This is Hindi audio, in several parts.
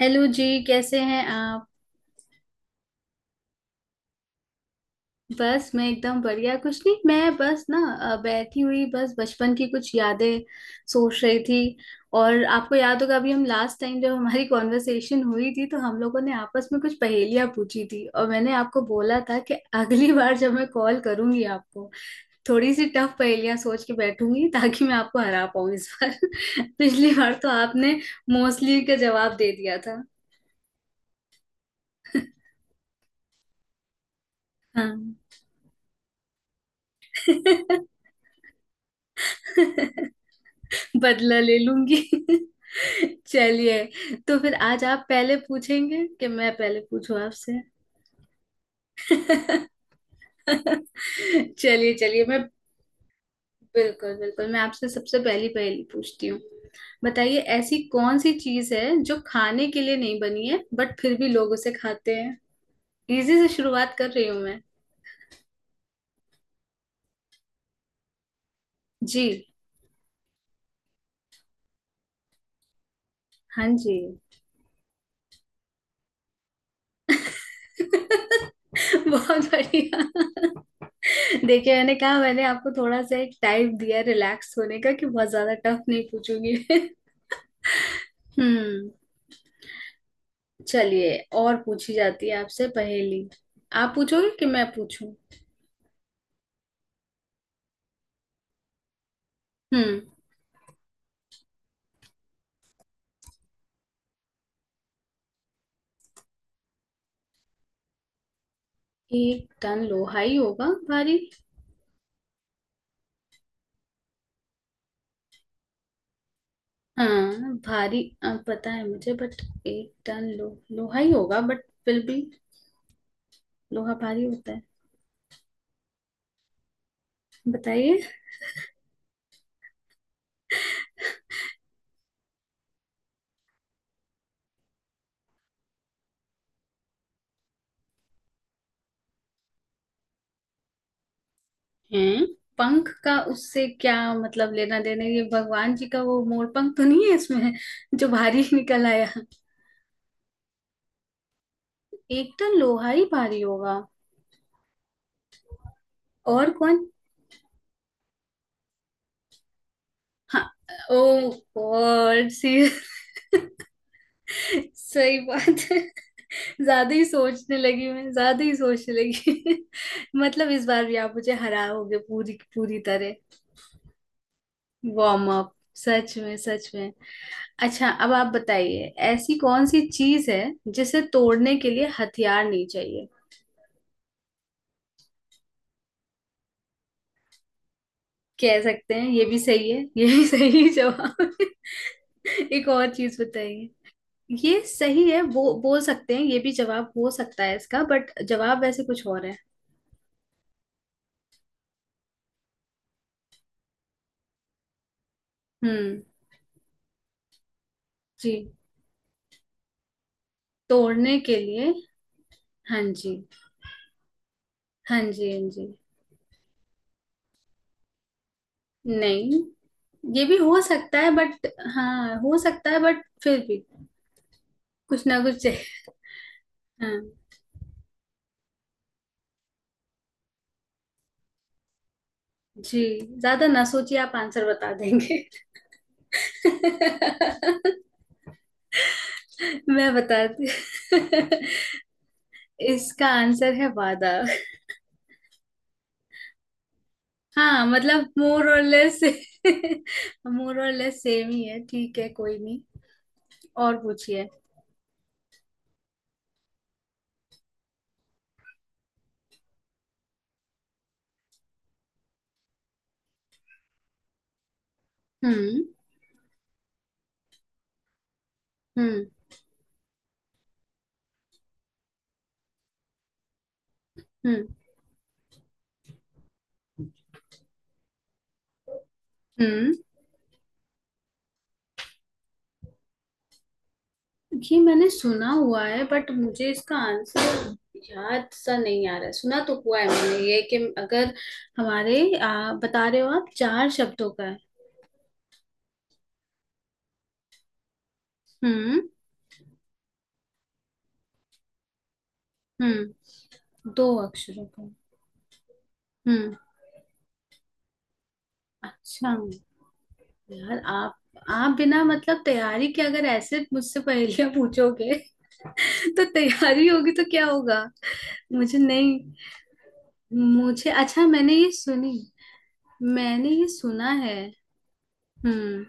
हेलो जी, कैसे हैं आप? बस मैं एकदम बढ़िया। कुछ नहीं, मैं बस ना बैठी हुई बस बचपन की कुछ यादें सोच रही थी। और आपको याद होगा अभी हम लास्ट टाइम जब हमारी कॉन्वर्सेशन हुई थी, तो हम लोगों ने आपस में कुछ पहेलियां पूछी थी और मैंने आपको बोला था कि अगली बार जब मैं कॉल करूंगी आपको, थोड़ी सी टफ पहेलियां सोच के बैठूंगी ताकि मैं आपको हरा पाऊँ इस बार। पिछली बार तो आपने मोस्टली का जवाब दे दिया था। हाँ। बदला ले लूंगी। चलिए, तो फिर आज आप पहले पूछेंगे कि मैं पहले पूछूं आपसे? चलिए चलिए, मैं बिल्कुल बिल्कुल मैं आपसे सबसे पहली पहेली पूछती हूँ। बताइए, ऐसी कौन सी चीज है जो खाने के लिए नहीं बनी है बट फिर भी लोग उसे खाते हैं? इजी से शुरुआत कर रही हूँ मैं। जी। हाँ जी। बहुत बढ़िया। देखिए मैंने कहा, मैंने आपको थोड़ा सा एक टाइम दिया रिलैक्स होने का कि बहुत ज्यादा टफ नहीं पूछूंगी। हम्म। चलिए, और पूछी जाती है आपसे पहेली। आप पूछोगे कि मैं पूछूं? हम्म। एक टन लोहा ही होगा भारी। हाँ भारी पता है मुझे, बट एक टन लो लोहा ही होगा, बट फिर भी लोहा भारी होता है। बताइए। हैं? पंख का उससे क्या मतलब लेना देना? ये भगवान जी का वो मोर पंख तो नहीं है इसमें जो भारी निकल आया? एकदम लोहा ही भारी होगा। और कौन? हाँ। ओ गॉड। सही बात है। ज्यादा ही सोचने लगी मैं, ज्यादा ही सोचने लगी। मतलब इस बार भी आप मुझे हराओगे पूरी पूरी तरह। Warm up. सच में सच में। अच्छा, अब आप बताइए, ऐसी कौन सी चीज है जिसे तोड़ने के लिए हथियार नहीं चाहिए? कह सकते हैं, ये भी सही है, ये भी सही जवाब है। एक और चीज बताइए। ये सही है, वो बोल सकते हैं, ये भी जवाब हो सकता है इसका, बट जवाब वैसे कुछ और है। हम्म। जी। तोड़ने के लिए, हाँ जी, हाँ जी। हाँ जी। नहीं। ये भी हो सकता है बट, हाँ हो सकता है बट फिर भी कुछ ना कुछ है। जी। ज्यादा ना सोचिए, आप आंसर बता देंगे। मैं बताती। इसका आंसर है वादा। हाँ मतलब more or less, more or less same ही है, ठीक है कोई नहीं। और पूछिए। हम्म। हम्म। हम्म। हम्म। ये मैंने सुना हुआ है बट मुझे इसका आंसर याद सा नहीं आ रहा है। सुना तो हुआ है मैंने ये कि अगर हमारे बता रहे हो आप चार शब्दों का है। हम्म। हम्म। दो अक्षरों का। हम्म। अच्छा। यार, आप बिना मतलब तैयारी के अगर ऐसे मुझसे पहेलियां पूछोगे तो तैयारी होगी तो क्या होगा। मुझे नहीं, मुझे अच्छा, मैंने ये सुनी, मैंने ये सुना है। हम्म।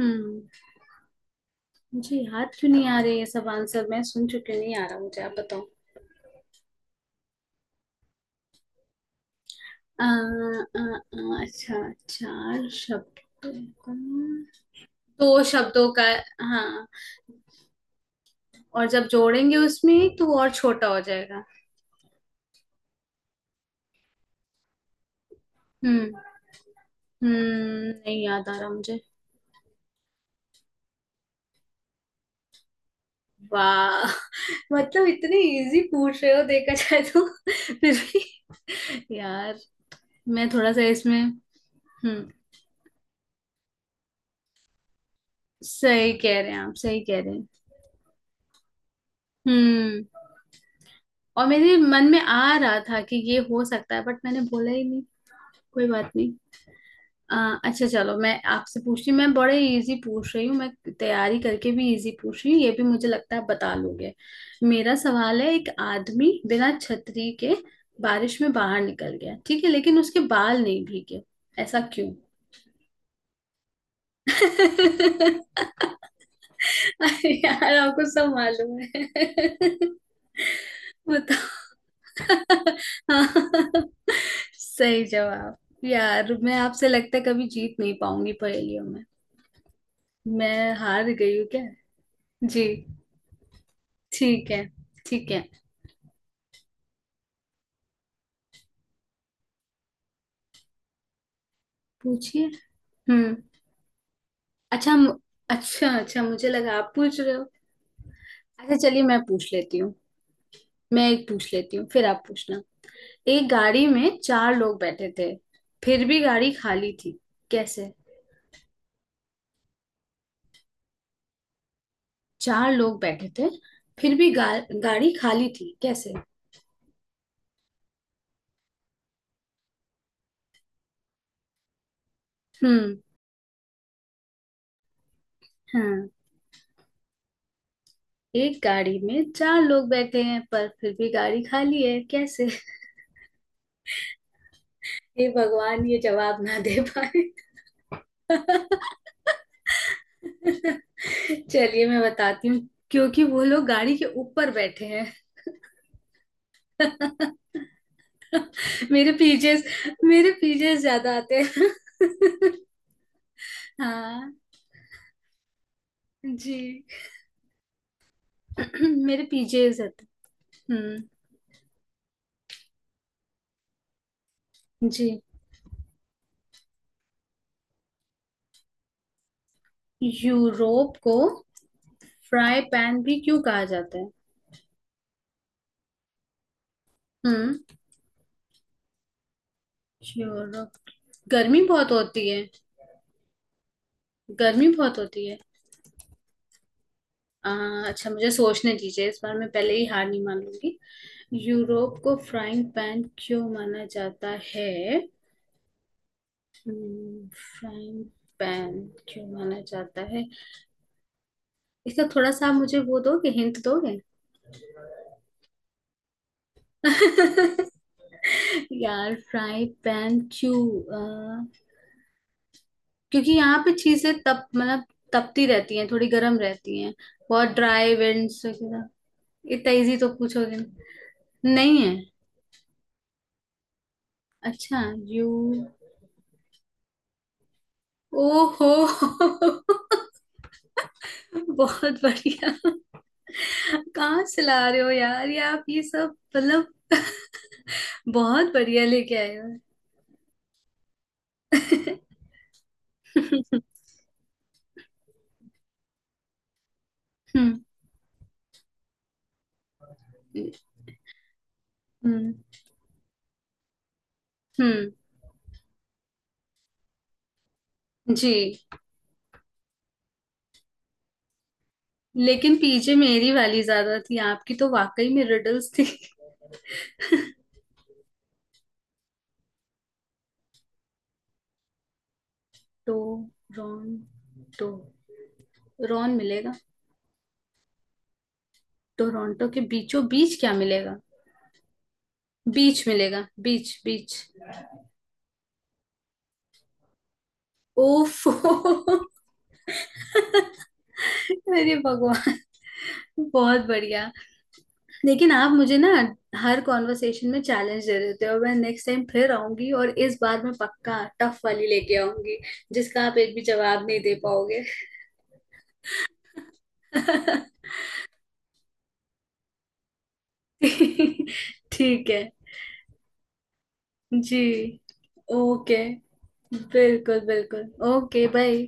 हम्म। मुझे याद क्यों नहीं आ रही? ये सब आंसर मैं सुन चुकी हूँ, नहीं आ रहा मुझे, आप बताओ। आ, आ, आ, अच्छा, चार शब्दों का। दो शब्दों का। हाँ, और जब जोड़ेंगे उसमें तो वो और छोटा हो जाएगा। हम्म। हम्म, नहीं याद आ रहा मुझे। वाह। मतलब इतने इजी पूछ रहे हो देखा जाए तो, फिर भी यार मैं थोड़ा सा इसमें। हम्म। सही कह रहे हैं आप, सही कह रहे हैं। हम्म। और मेरे मन में आ रहा था कि ये हो सकता है बट मैंने बोला ही नहीं। कोई बात। अ, अच्छा चलो, मैं आपसे पूछती हूँ। मैं बड़े इजी पूछ रही हूँ मैं, तैयारी करके भी इजी पूछ रही हूँ, ये भी मुझे लगता है आप बता लोगे। मेरा सवाल है, एक आदमी बिना छतरी के बारिश में बाहर निकल गया, ठीक है, लेकिन उसके बाल नहीं भीगे। ऐसा क्यों? अरे यार आपको सब मालूम है। बताओ। हाँ। सही जवाब। यार मैं आपसे लगता है कभी जीत नहीं पाऊंगी पहेलियों में। मैं हार गई हूँ क्या? जी ठीक है, ठीक है। पूछिए। हम्म। अच्छा अच्छा अच्छा, मुझे लगा आप पूछ रहे हो। अच्छा चलिए, मैं पूछ लेती हूँ। मैं एक पूछ लेती हूँ फिर आप पूछना। एक गाड़ी में चार लोग बैठे थे, फिर भी गाड़ी खाली थी, कैसे? चार लोग बैठे थे, फिर भी गाड़ी खाली थी, कैसे? हम्म। हाँ। एक गाड़ी में चार लोग बैठे हैं पर फिर भी गाड़ी खाली है, कैसे? हे भगवान, ये जवाब ना दे पाए। चलिए मैं बताती हूँ, क्योंकि वो लोग गाड़ी के ऊपर बैठे हैं। मेरे पीजेस, मेरे पीजेस ज्यादा आते हैं। हाँ जी। मेरे पीजेस आते हैं। हम्म। जी। यूरोप को फ्राई पैन भी क्यों कहा जाता है? हम्म। यूरोप। गर्मी बहुत होती है। गर्मी बहुत होती है। आ, अच्छा मुझे सोचने दीजिए, इस बार मैं पहले ही हार नहीं मान लूंगी। यूरोप को फ्राइंग पैन क्यों माना जाता है? फ्राइंग पैन क्यों माना जाता है? इसका थोड़ा सा आप मुझे वो दोगे, हिंट दोगे? यार फ्राई पैन क्यों? अ, क्योंकि यहाँ पे चीजें तप मतलब तपती रहती हैं, थोड़ी गर्म रहती हैं, बहुत ड्राई विंड्स वगैरह। इतना इजी तो पूछोगे नहीं। नहीं है। अच्छा। यू। ओहो। बहुत बढ़िया। कहाँ से ला रहे हो यार ये आप, ये सब मतलब बहुत बढ़िया लेके आए हो। हम्म। हम्म। हम्म। जी। लेकिन पीजे मेरी वाली ज्यादा थी, आपकी तो वाकई में रिडल्स थी। टो रॉन, टो रॉन मिलेगा। टोरंटो के बीचों बीच क्या मिलेगा? बीच मिलेगा, बीच, बीच। ओफो। अरे भगवान, बहुत बढ़िया। लेकिन आप मुझे ना हर कॉन्वर्सेशन में चैलेंज दे देते हो। मैं नेक्स्ट टाइम फिर आऊंगी और इस बार मैं पक्का टफ वाली लेके आऊंगी, जिसका आप एक भी जवाब नहीं दे पाओगे। ठीक है जी। ओके, बिल्कुल बिल्कुल। Okay bye.